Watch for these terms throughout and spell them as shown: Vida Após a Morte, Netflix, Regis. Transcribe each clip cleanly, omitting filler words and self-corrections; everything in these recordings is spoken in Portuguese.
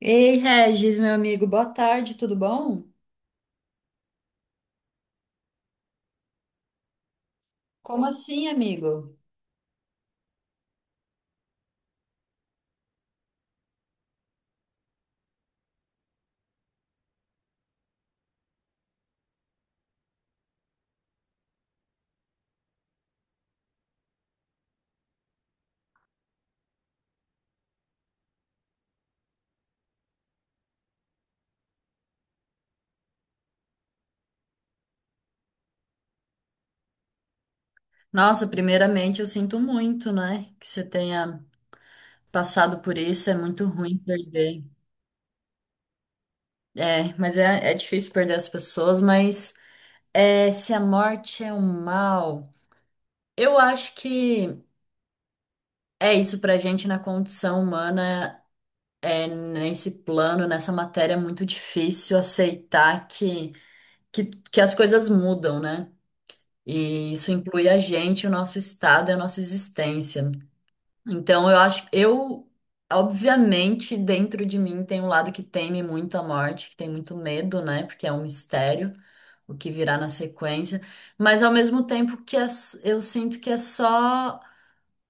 Ei, Regis, meu amigo, boa tarde, tudo bom? Como assim, amigo? Nossa, primeiramente eu sinto muito, né, que você tenha passado por isso, é muito ruim perder. É, mas é difícil perder as pessoas, mas é, se a morte é um mal, eu acho que é isso pra gente na condição humana, é, nesse plano, nessa matéria, é muito difícil aceitar que, que as coisas mudam, né? E isso inclui a gente, o nosso estado e a nossa existência. Então, eu acho, eu, obviamente, dentro de mim tem um lado que teme muito a morte, que tem muito medo, né? Porque é um mistério o que virá na sequência. Mas, ao mesmo tempo, eu sinto que é só,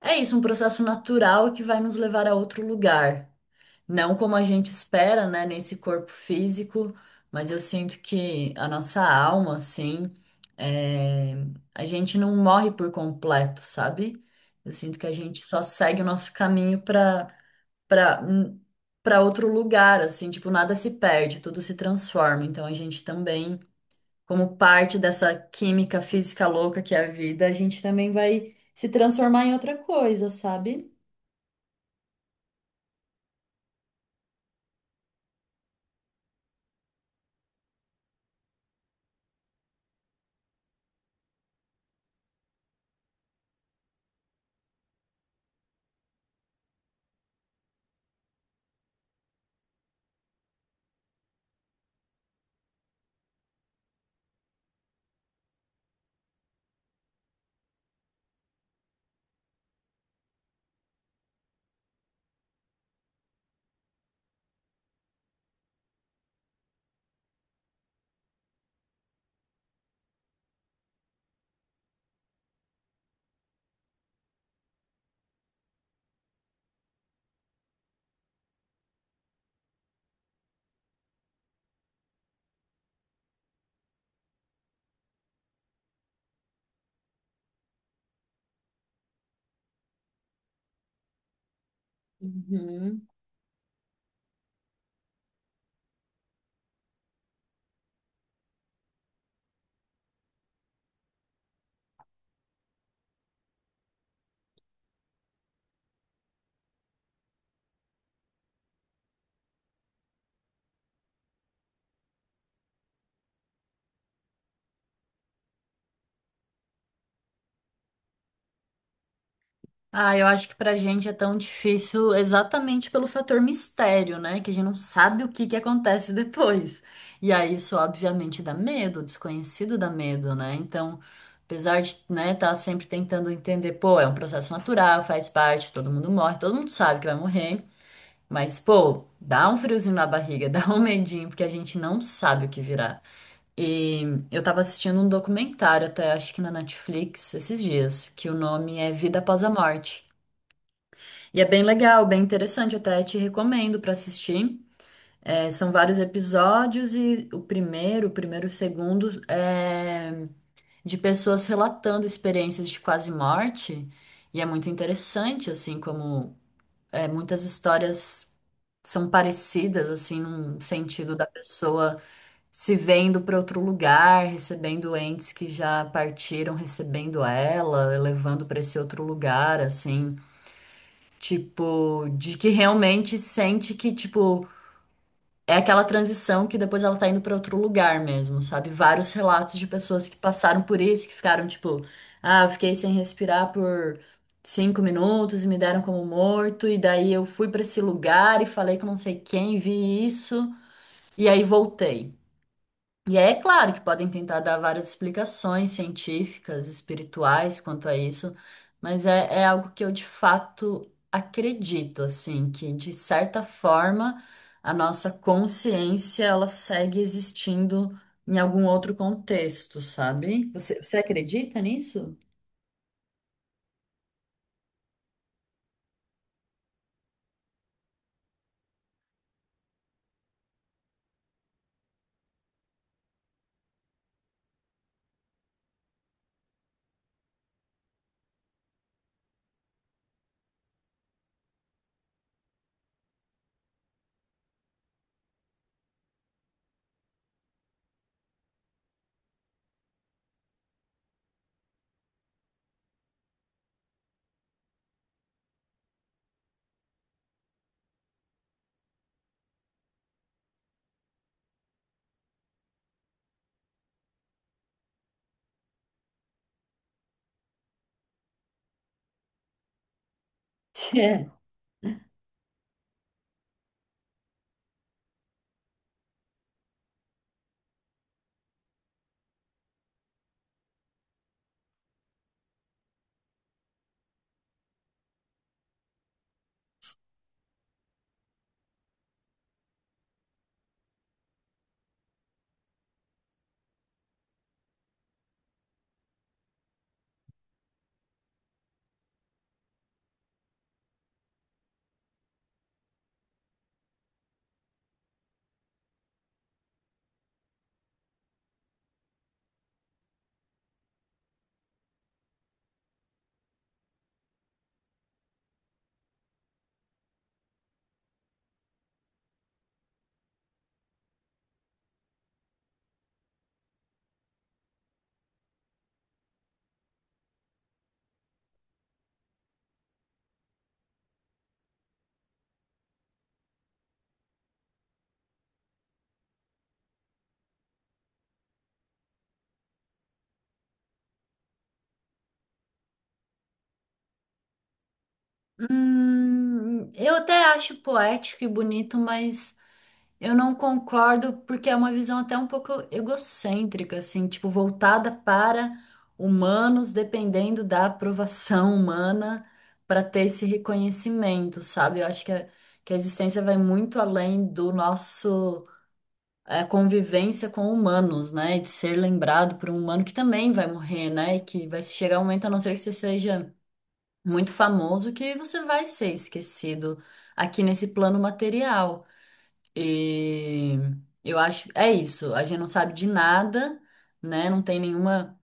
é isso, um processo natural que vai nos levar a outro lugar. Não como a gente espera, né, nesse corpo físico, mas eu sinto que a nossa alma, assim, é, a gente não morre por completo, sabe? Eu sinto que a gente só segue o nosso caminho para para outro lugar, assim, tipo, nada se perde, tudo se transforma. Então a gente também, como parte dessa química física louca que é a vida, a gente também vai se transformar em outra coisa, sabe? Uhum. Ah, eu acho que pra gente é tão difícil exatamente pelo fator mistério, né? Que a gente não sabe o que que acontece depois. E aí isso obviamente dá medo, o desconhecido dá medo, né? Então, apesar de, né, tá sempre tentando entender, pô, é um processo natural, faz parte, todo mundo morre, todo mundo sabe que vai morrer, mas pô, dá um friozinho na barriga, dá um medinho, porque a gente não sabe o que virá. E eu tava assistindo um documentário até, acho que na Netflix, esses dias, que o nome é Vida Após a Morte. E é bem legal, bem interessante, até te recomendo para assistir. É, são vários episódios e o primeiro e o segundo é de pessoas relatando experiências de quase morte. E é muito interessante, assim, como é, muitas histórias são parecidas, assim, num sentido da pessoa se vendo para outro lugar, recebendo entes que já partiram, recebendo ela, levando para esse outro lugar, assim. Tipo, de que realmente sente que, tipo, é aquela transição que depois ela tá indo pra outro lugar mesmo, sabe? Vários relatos de pessoas que passaram por isso, que ficaram, tipo, ah, eu fiquei sem respirar por 5 minutos e me deram como morto, e daí eu fui pra esse lugar e falei com não sei quem, vi isso, e aí voltei. E é claro que podem tentar dar várias explicações científicas, espirituais quanto a isso, mas é, é algo que eu de fato acredito, assim, que de certa forma a nossa consciência ela segue existindo em algum outro contexto, sabe? Você acredita nisso? É. Eu até acho poético e bonito, mas. Eu não concordo porque é uma visão até um pouco egocêntrica, assim, tipo, voltada para humanos, dependendo da aprovação humana para ter esse reconhecimento, sabe? Eu acho que a existência vai muito além do nosso convivência com humanos, né? De ser lembrado por um humano que também vai morrer, né? E que vai chegar um momento, a não ser que você seja muito famoso, que você vai ser esquecido aqui nesse plano material. E eu acho, é isso, a gente não sabe de nada, né? Não tem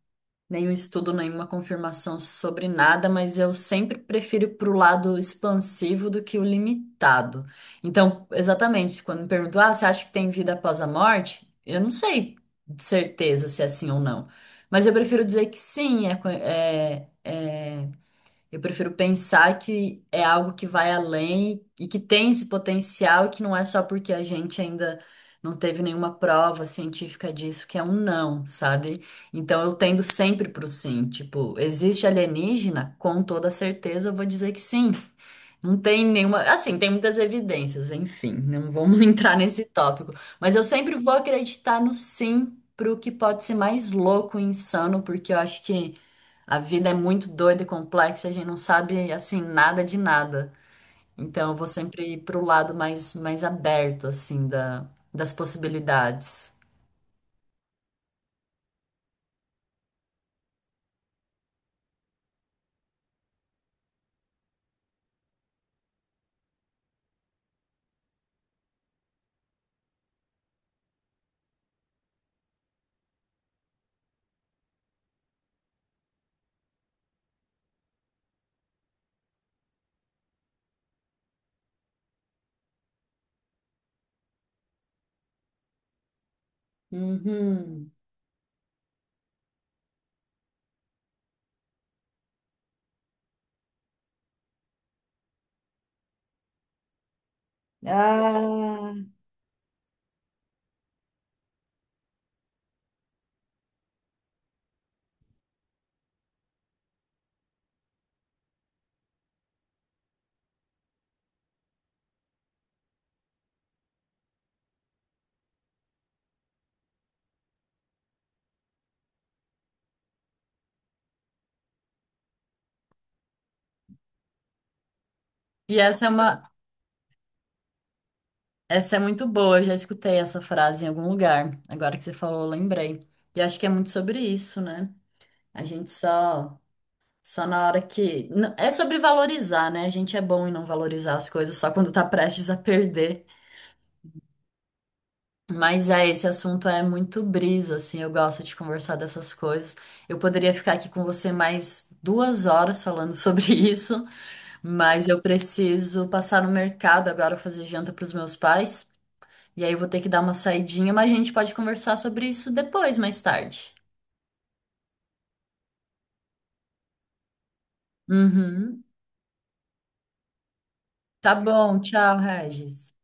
nenhum estudo, nenhuma confirmação sobre nada, mas eu sempre prefiro pro lado expansivo do que o limitado. Então, exatamente, quando me perguntam, ah, você acha que tem vida após a morte? Eu não sei de certeza se é sim ou não, mas eu prefiro dizer que sim, eu prefiro pensar que é algo que vai além e que tem esse potencial, e que não é só porque a gente ainda não teve nenhuma prova científica disso, que é um não, sabe? Então eu tendo sempre pro sim. Tipo, existe alienígena? Com toda certeza eu vou dizer que sim. Não tem nenhuma. Assim, tem muitas evidências, enfim, não vamos entrar nesse tópico. Mas eu sempre vou acreditar no sim pro que pode ser mais louco e insano, porque eu acho que. A vida é muito doida e complexa, a gente não sabe assim nada de nada. Então eu vou sempre ir pro lado mais aberto assim da, das possibilidades. Uhum. Ah, E essa é uma essa é muito boa, eu já escutei essa frase em algum lugar. Agora que você falou, eu lembrei. E acho que é muito sobre isso, né? A gente só só na hora é sobre valorizar, né? A gente é bom em não valorizar as coisas só quando tá prestes a perder. Mas é, esse assunto é muito brisa, assim, eu gosto de conversar dessas coisas. Eu poderia ficar aqui com você mais 2 horas falando sobre isso, mas eu preciso passar no mercado agora fazer janta para os meus pais, e aí eu vou ter que dar uma saidinha, mas a gente pode conversar sobre isso depois, mais tarde. Uhum. Tá bom, tchau, Regis.